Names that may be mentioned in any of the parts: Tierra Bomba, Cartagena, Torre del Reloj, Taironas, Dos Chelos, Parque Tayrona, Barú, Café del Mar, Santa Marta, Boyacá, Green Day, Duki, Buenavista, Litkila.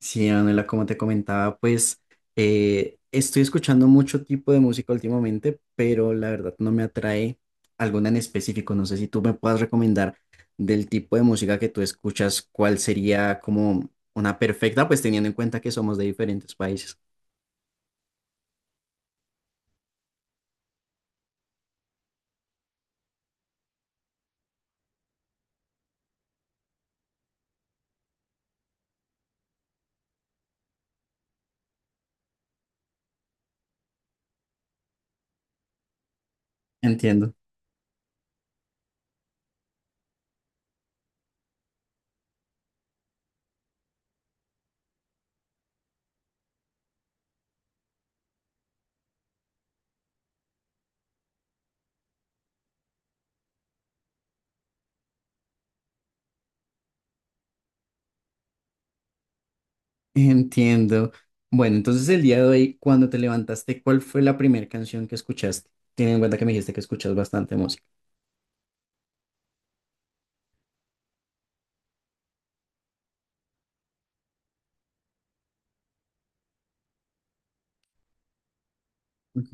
Sí, Manuela, como te comentaba, pues estoy escuchando mucho tipo de música últimamente, pero la verdad no me atrae alguna en específico. No sé si tú me puedas recomendar del tipo de música que tú escuchas, cuál sería como una perfecta, pues teniendo en cuenta que somos de diferentes países. Entiendo, entiendo. Bueno, entonces el día de hoy, cuando te levantaste, ¿cuál fue la primera canción que escuchaste? Teniendo en cuenta que me dijiste que escuchas bastante música. Ok.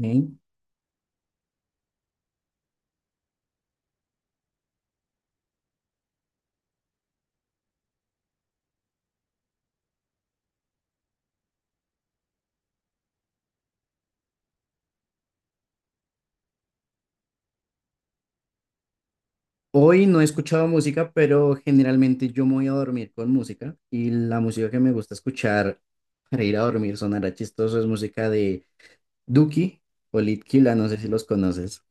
Hoy no he escuchado música, pero generalmente yo me voy a dormir con música y la música que me gusta escuchar para ir a dormir sonará chistoso es música de Duki o Litkila, no sé si los conoces.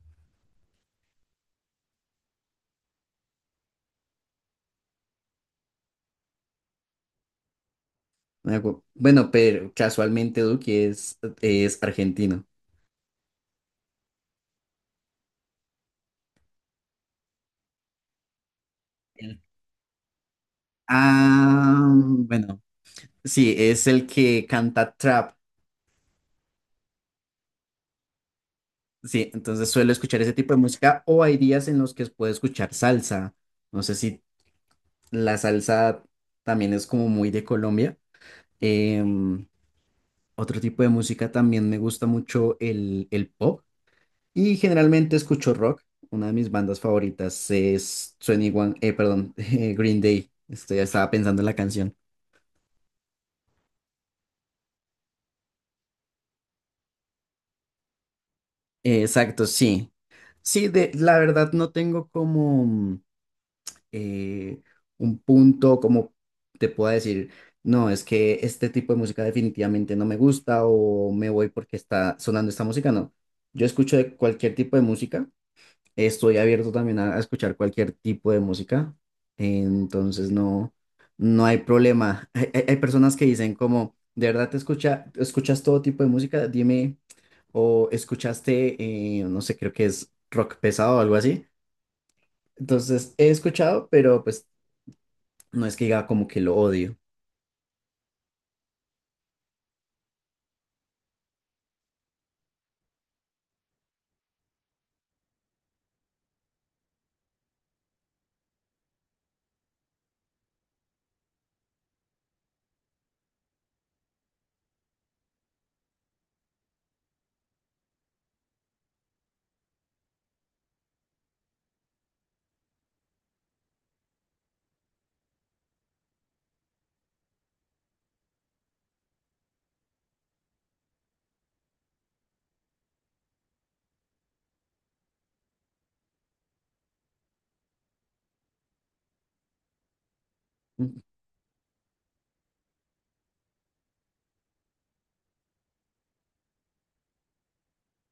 Bueno, pero casualmente Duki es argentino. El- Ah, bueno, sí, es el que canta trap. Sí, entonces suelo escuchar ese tipo de música o hay días en los que puedo escuchar salsa. No sé si la salsa también es como muy de Colombia. Em, Otro tipo de música también me gusta mucho el pop y generalmente escucho rock. Una de mis bandas favoritas es 21, perdón, Green Day. Estaba pensando en la canción. Exacto, sí. La verdad no tengo como eh, un punto, como te pueda decir, no, es que este tipo de música definitivamente no me gusta o me voy porque está sonando esta música. No, yo escucho de cualquier tipo de música. Estoy abierto también a escuchar cualquier tipo de música, entonces no, no hay problema. Hay personas que dicen como, ¿de verdad escuchas todo tipo de música? Dime, o escuchaste, no sé, creo que es rock pesado o algo así. Entonces he escuchado, pero pues no es que diga como que lo odio.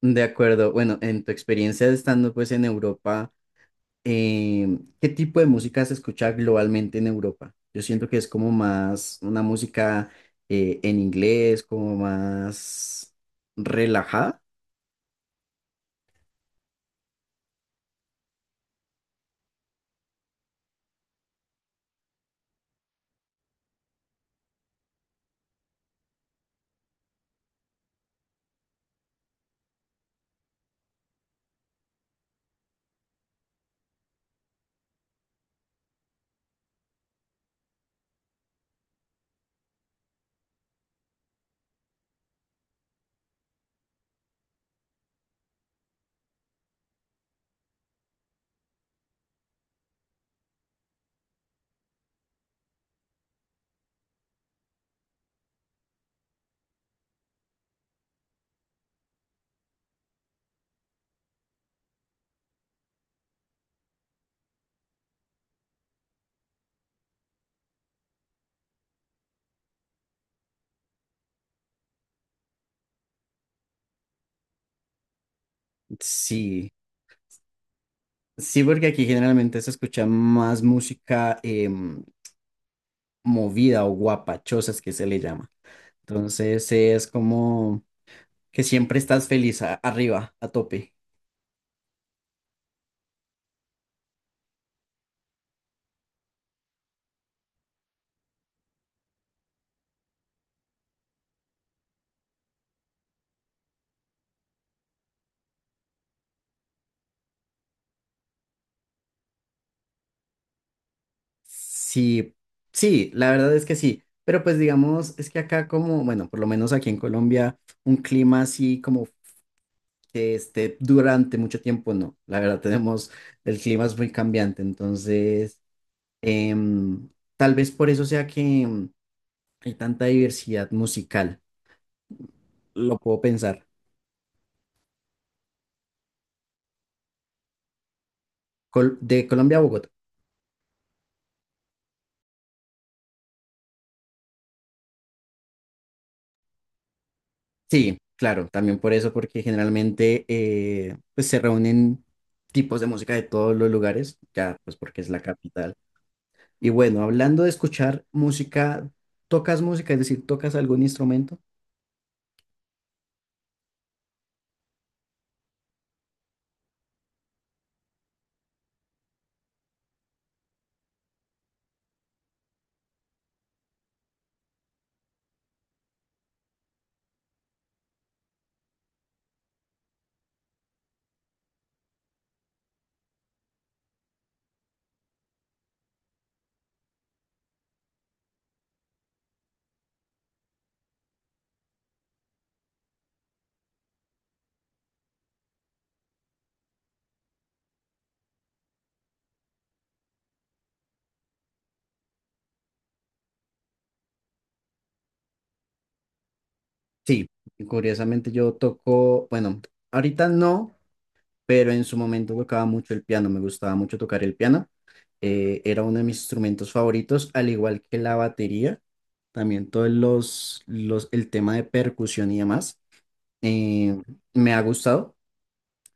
De acuerdo, bueno, en tu experiencia estando pues en Europa. Eh, ¿qué tipo de música se escucha globalmente en Europa? Yo siento que es como más una música en inglés, como más relajada. Sí, sí, porque aquí generalmente se escucha más música movida o guapachosas que se le llama. Entonces es como que siempre estás feliz arriba, a tope. Sí, sí, la verdad es que sí, pero pues digamos, es que acá como, bueno, por lo menos aquí en Colombia, un clima así como que esté durante mucho tiempo, no, la verdad tenemos, el clima es muy cambiante, entonces, em, tal vez por eso sea que hay tanta diversidad musical, lo puedo pensar. De Colombia a Bogotá. Sí, claro, también por eso, porque generalmente pues se reúnen tipos de música de todos los lugares, ya pues porque es la capital. Y bueno, hablando de escuchar música, ¿tocas música? Es decir, ¿tocas algún instrumento? Sí, curiosamente yo toco, bueno, ahorita no, pero en su momento tocaba mucho el piano, me gustaba mucho tocar el piano. Eh, era uno de mis instrumentos favoritos, al igual que la batería, también todos el tema de percusión y demás. eh, Me ha gustado,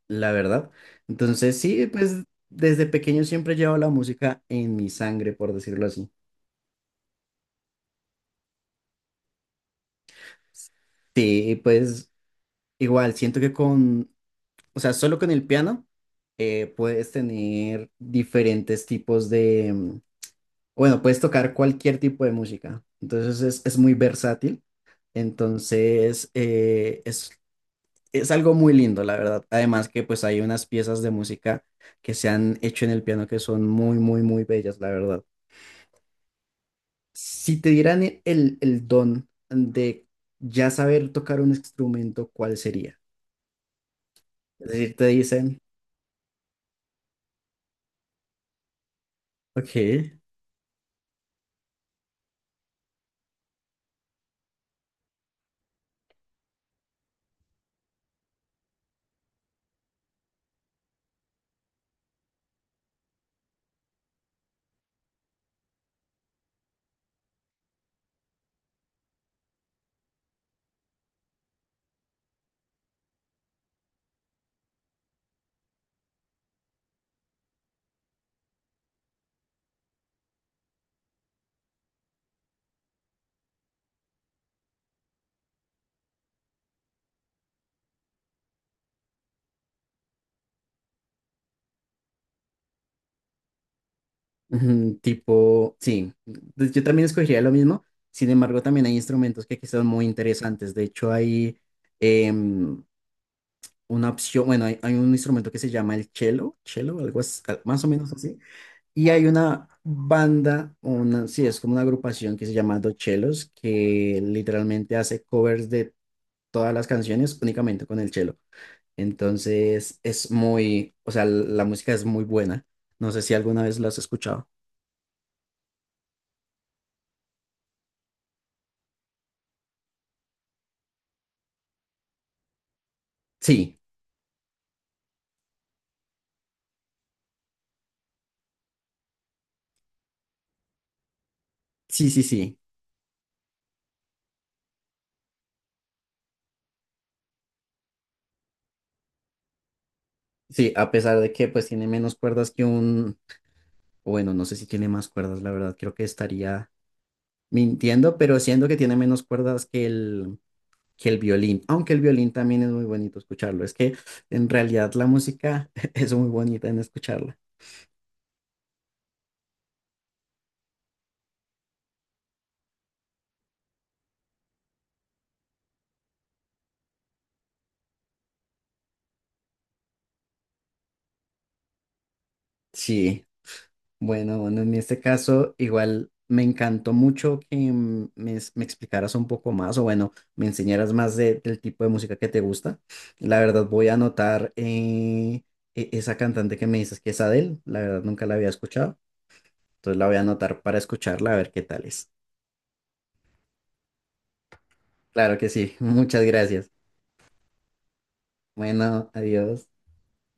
la verdad. Entonces, sí, pues desde pequeño siempre llevo la música en mi sangre, por decirlo así. Sí, pues igual, siento que con, o sea, solo con el piano puedes tener diferentes tipos de, bueno, puedes tocar cualquier tipo de música. Entonces es muy versátil. Entonces es algo muy lindo, la verdad. Además que pues hay unas piezas de música que se han hecho en el piano que son muy, muy, muy bellas, la verdad. Si te dieran el don de ya saber tocar un instrumento, ¿cuál sería? Es decir, te dicen, ok. Ujú, tipo, sí, pues yo también escogería lo mismo, sin embargo también hay instrumentos que aquí son muy interesantes, de hecho hay em, una opción, bueno, hay un instrumento que se llama el cello, cello, algo más o menos así, y hay una banda, una, sí, es como una agrupación que se llama Dos Chelos, que literalmente hace covers de todas las canciones únicamente con el cello. Entonces es muy, o sea, la música es muy buena. No sé si alguna vez lo has escuchado. Sí. Sí, sí, sí. Sí, a pesar de que pues tiene menos cuerdas que un... O bueno, no sé si tiene más cuerdas, la verdad, creo que estaría mintiendo, pero siendo que tiene menos cuerdas que que el violín, aunque el violín también es muy bonito escucharlo. Es que en realidad la música es muy bonita en escucharla. Sí, bueno, bueno, en este caso igual me encantó mucho que me explicaras un poco más o bueno, me enseñaras más del tipo de música que te gusta. La verdad voy a anotar esa cantante que me dices que es Adele, la verdad nunca la había escuchado, entonces la voy a anotar para escucharla a ver qué tal es. Claro que sí, muchas gracias. Bueno, adiós.